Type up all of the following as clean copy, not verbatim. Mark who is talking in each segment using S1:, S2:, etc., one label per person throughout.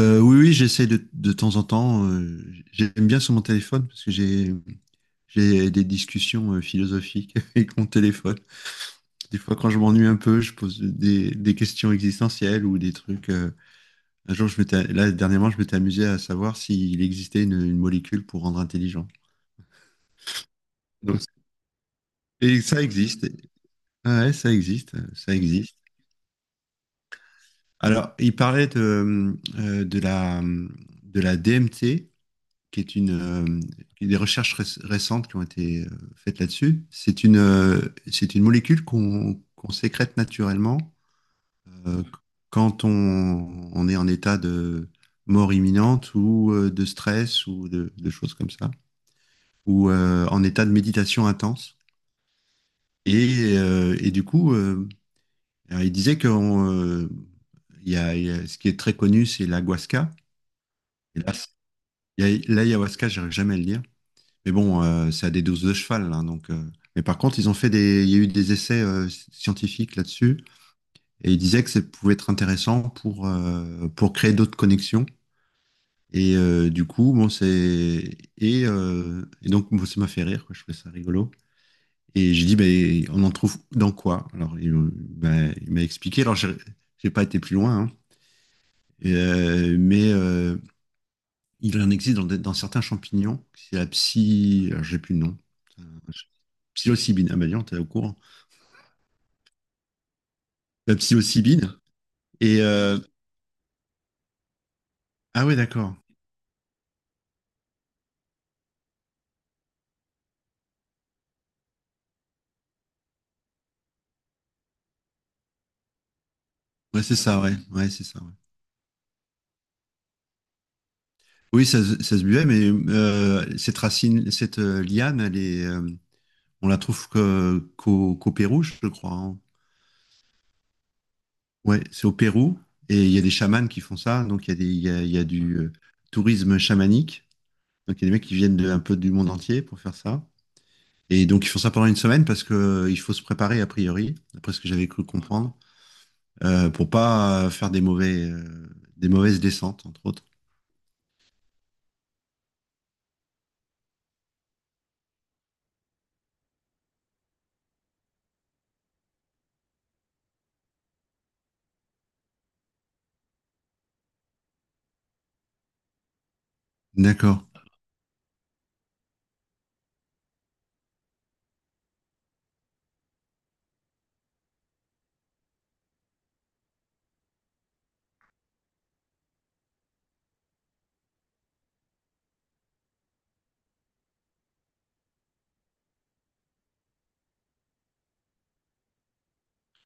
S1: Oui, oui, j'essaie de temps en temps. J'aime bien sur mon téléphone parce que j'ai des discussions philosophiques avec mon téléphone. Des fois, quand je m'ennuie un peu, je pose des questions existentielles ou des trucs. Un jour, dernièrement, je m'étais amusé à savoir s'il existait une molécule pour rendre intelligent. Donc, et ça existe. Ouais, ça existe. Ça existe. Alors, il parlait de de la DMT. Qui est une des recherches récentes qui ont été faites là-dessus. C'est une molécule qu'on sécrète naturellement, euh, quand on est en état de mort imminente ou de stress ou de choses comme ça, ou en état de méditation intense. Et du coup, alors, il disait que il y a, ce qui est très connu, c'est l'ayahuasca. Et là, l'ayahuasca, j'arrive jamais à le dire. Mais bon, c'est à des doses de cheval, hein, donc. Mais par contre, ils ont fait des, il y a eu des essais scientifiques là-dessus, et ils disaient que ça pouvait être intéressant pour créer d'autres connexions. Du coup, bon, c'est et donc bon, ça m'a fait rire, quoi, je trouvais ça rigolo. Et j'ai dit, ben, on en trouve dans quoi? Alors, ben, il m'a expliqué. Alors, j'ai pas été plus loin, hein. Et, euh, mais euh, il en existe dans certains champignons. C'est la psy, alors, j'ai plus le nom. Psilocybine. Ah bah dis donc, t'es au courant. La psilocybine. Et euh, ah ouais, d'accord. Ouais, c'est ça, ouais. Ouais, c'est ça, ouais. Oui, ça se buvait, mais cette racine, cette liane, elle est, on la trouve qu'au Pérou, je crois, hein. Ouais, c'est au Pérou. Et il y a des chamans qui font ça. Donc il y a du tourisme chamanique. Donc il y a des mecs qui viennent un peu du monde entier pour faire ça. Et donc ils font ça pendant une semaine parce que il faut se préparer a priori, d'après ce que j'avais cru comprendre. Pour pas faire des mauvaises descentes, entre autres. D'accord.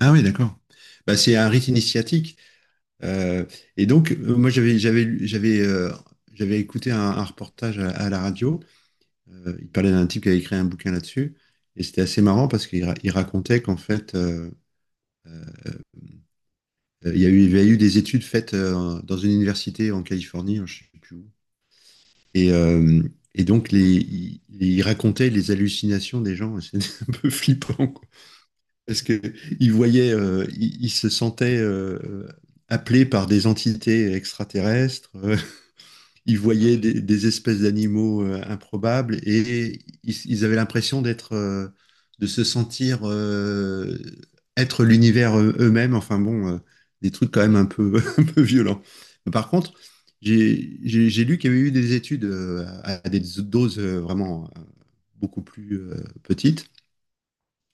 S1: Ah oui, d'accord. Bah, c'est un rite initiatique. Euh, et donc, moi, j'avais écouté un reportage à la radio. Il parlait d'un type qui avait écrit un bouquin là-dessus. Et c'était assez marrant parce il racontait qu'en fait, euh, il y a eu des études faites dans une université en Californie, hein, je sais plus où. Et, euh, et donc, il racontait les hallucinations des gens. C'est un peu flippant. Parce il se sentait appelé par des entités extraterrestres, il voyait des espèces d'animaux improbables ils avaient l'impression d'être, de se sentir être l'univers eux-mêmes. Enfin bon, des trucs quand même un peu, un peu violents. Par contre, j'ai lu qu'il y avait eu des études à des doses vraiment beaucoup plus petites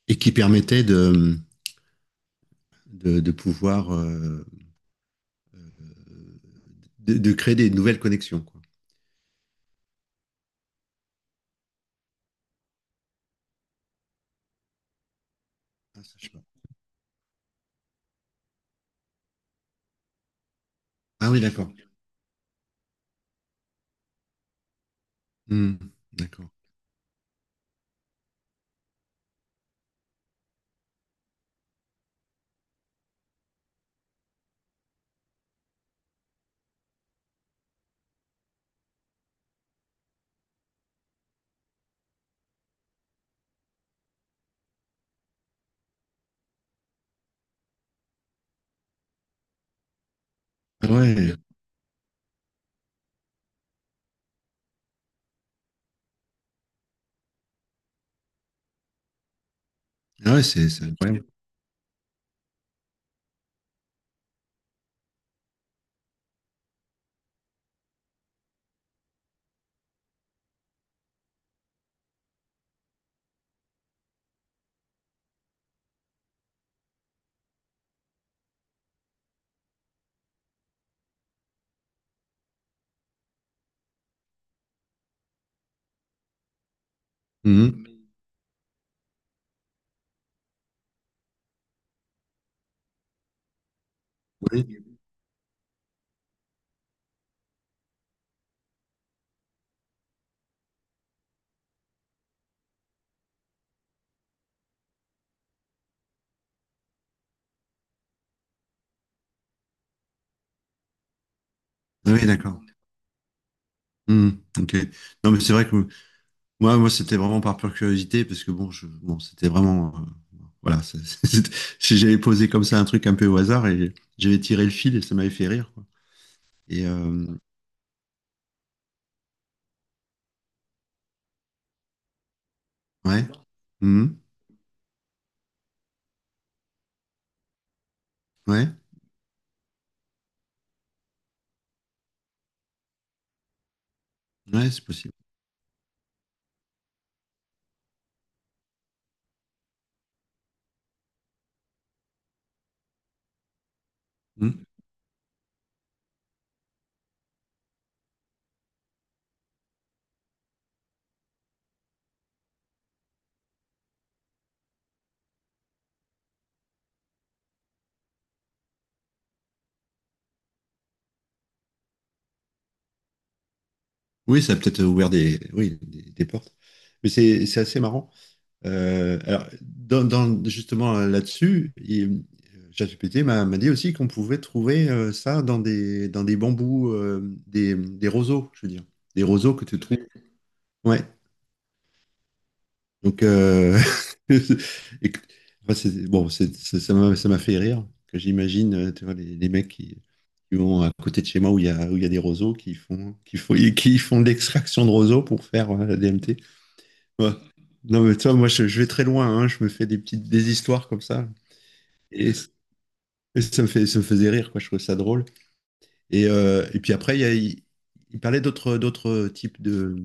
S1: et qui permettaient de pouvoir de créer des nouvelles connexions, quoi. Ah, ça, je sais pas. Ah oui, d'accord. Hmm, d'accord. Ah ouais, ah ouais, c'est incroyable. Mhm. Oui, oui, d'accord. Hmm, ok. Non, mais c'est vrai que moi, moi, c'était vraiment par pure curiosité, parce que bon, je, bon, c'était vraiment, voilà, c'est- c'est- c'est- j'avais posé comme ça un truc un peu au hasard et j'avais tiré le fil et ça m'avait fait rire, quoi. Et euh, ouais. Mhm. Ouais, ouais, c'est possible. Hmm. Oui, ça a peut-être ouvert oui, des portes. Mais c'est assez marrant. Justement là-dessus, ChatGPT m'a dit aussi qu'on pouvait trouver ça dans des bambous, des roseaux, je veux dire. Des roseaux que tu trouves. Ouais. Donc, et que- enfin, ça m'a fait rire. Que j'imagine, tu vois, les mecs qui vont à côté de chez moi où il y a des roseaux qui font de l'extraction de roseaux pour faire la DMT. Ouais. Non, mais toi, moi, je vais très loin, hein. Je me fais des histoires comme ça. Et, ça me faisait rire, quoi. Je trouvais ça drôle. Et puis après, il, y a- il parlait d'autres types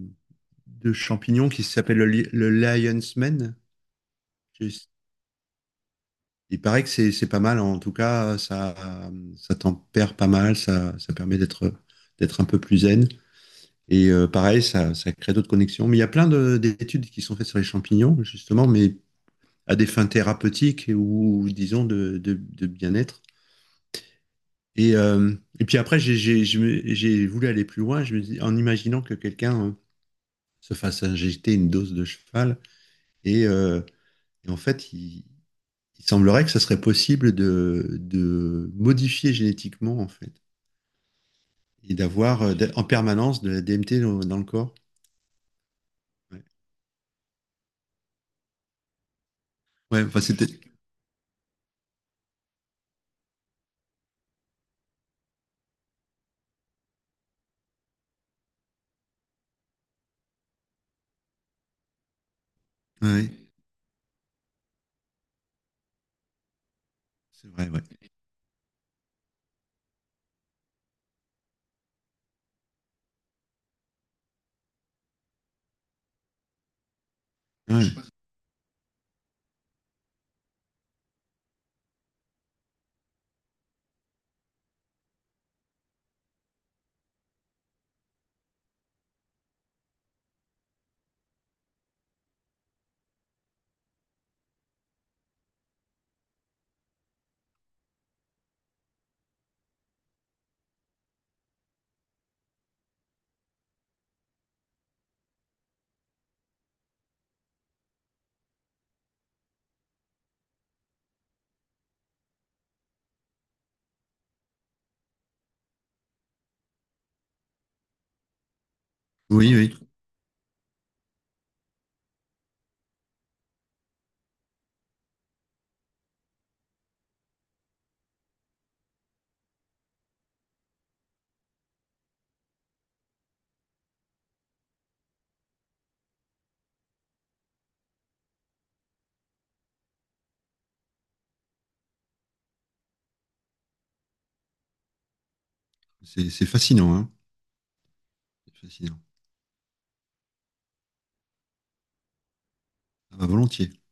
S1: de champignons qui s'appellent le lion's mane. Je- Il paraît que c'est pas mal. En tout cas, ça tempère pas mal. Ça permet d'être un peu plus zen. Pareil, ça crée d'autres connexions. Mais il y a d'études qui sont faites sur les champignons, justement, mais à des fins thérapeutiques ou, disons, de bien-être. Puis après, j'ai voulu aller plus loin, je me dis, en imaginant que quelqu'un se fasse injecter une dose de cheval. Et, euh, et en fait, semblerait que ça serait possible de modifier génétiquement, en fait, et d'avoir en permanence de la DMT dans le corps. Ouais, ouais enfin, c'était. Ouais, ouais, c'est vrai, ouais. Ouais. Oui, oui. C'est fascinant, hein. C'est fascinant. Ah, volontiers.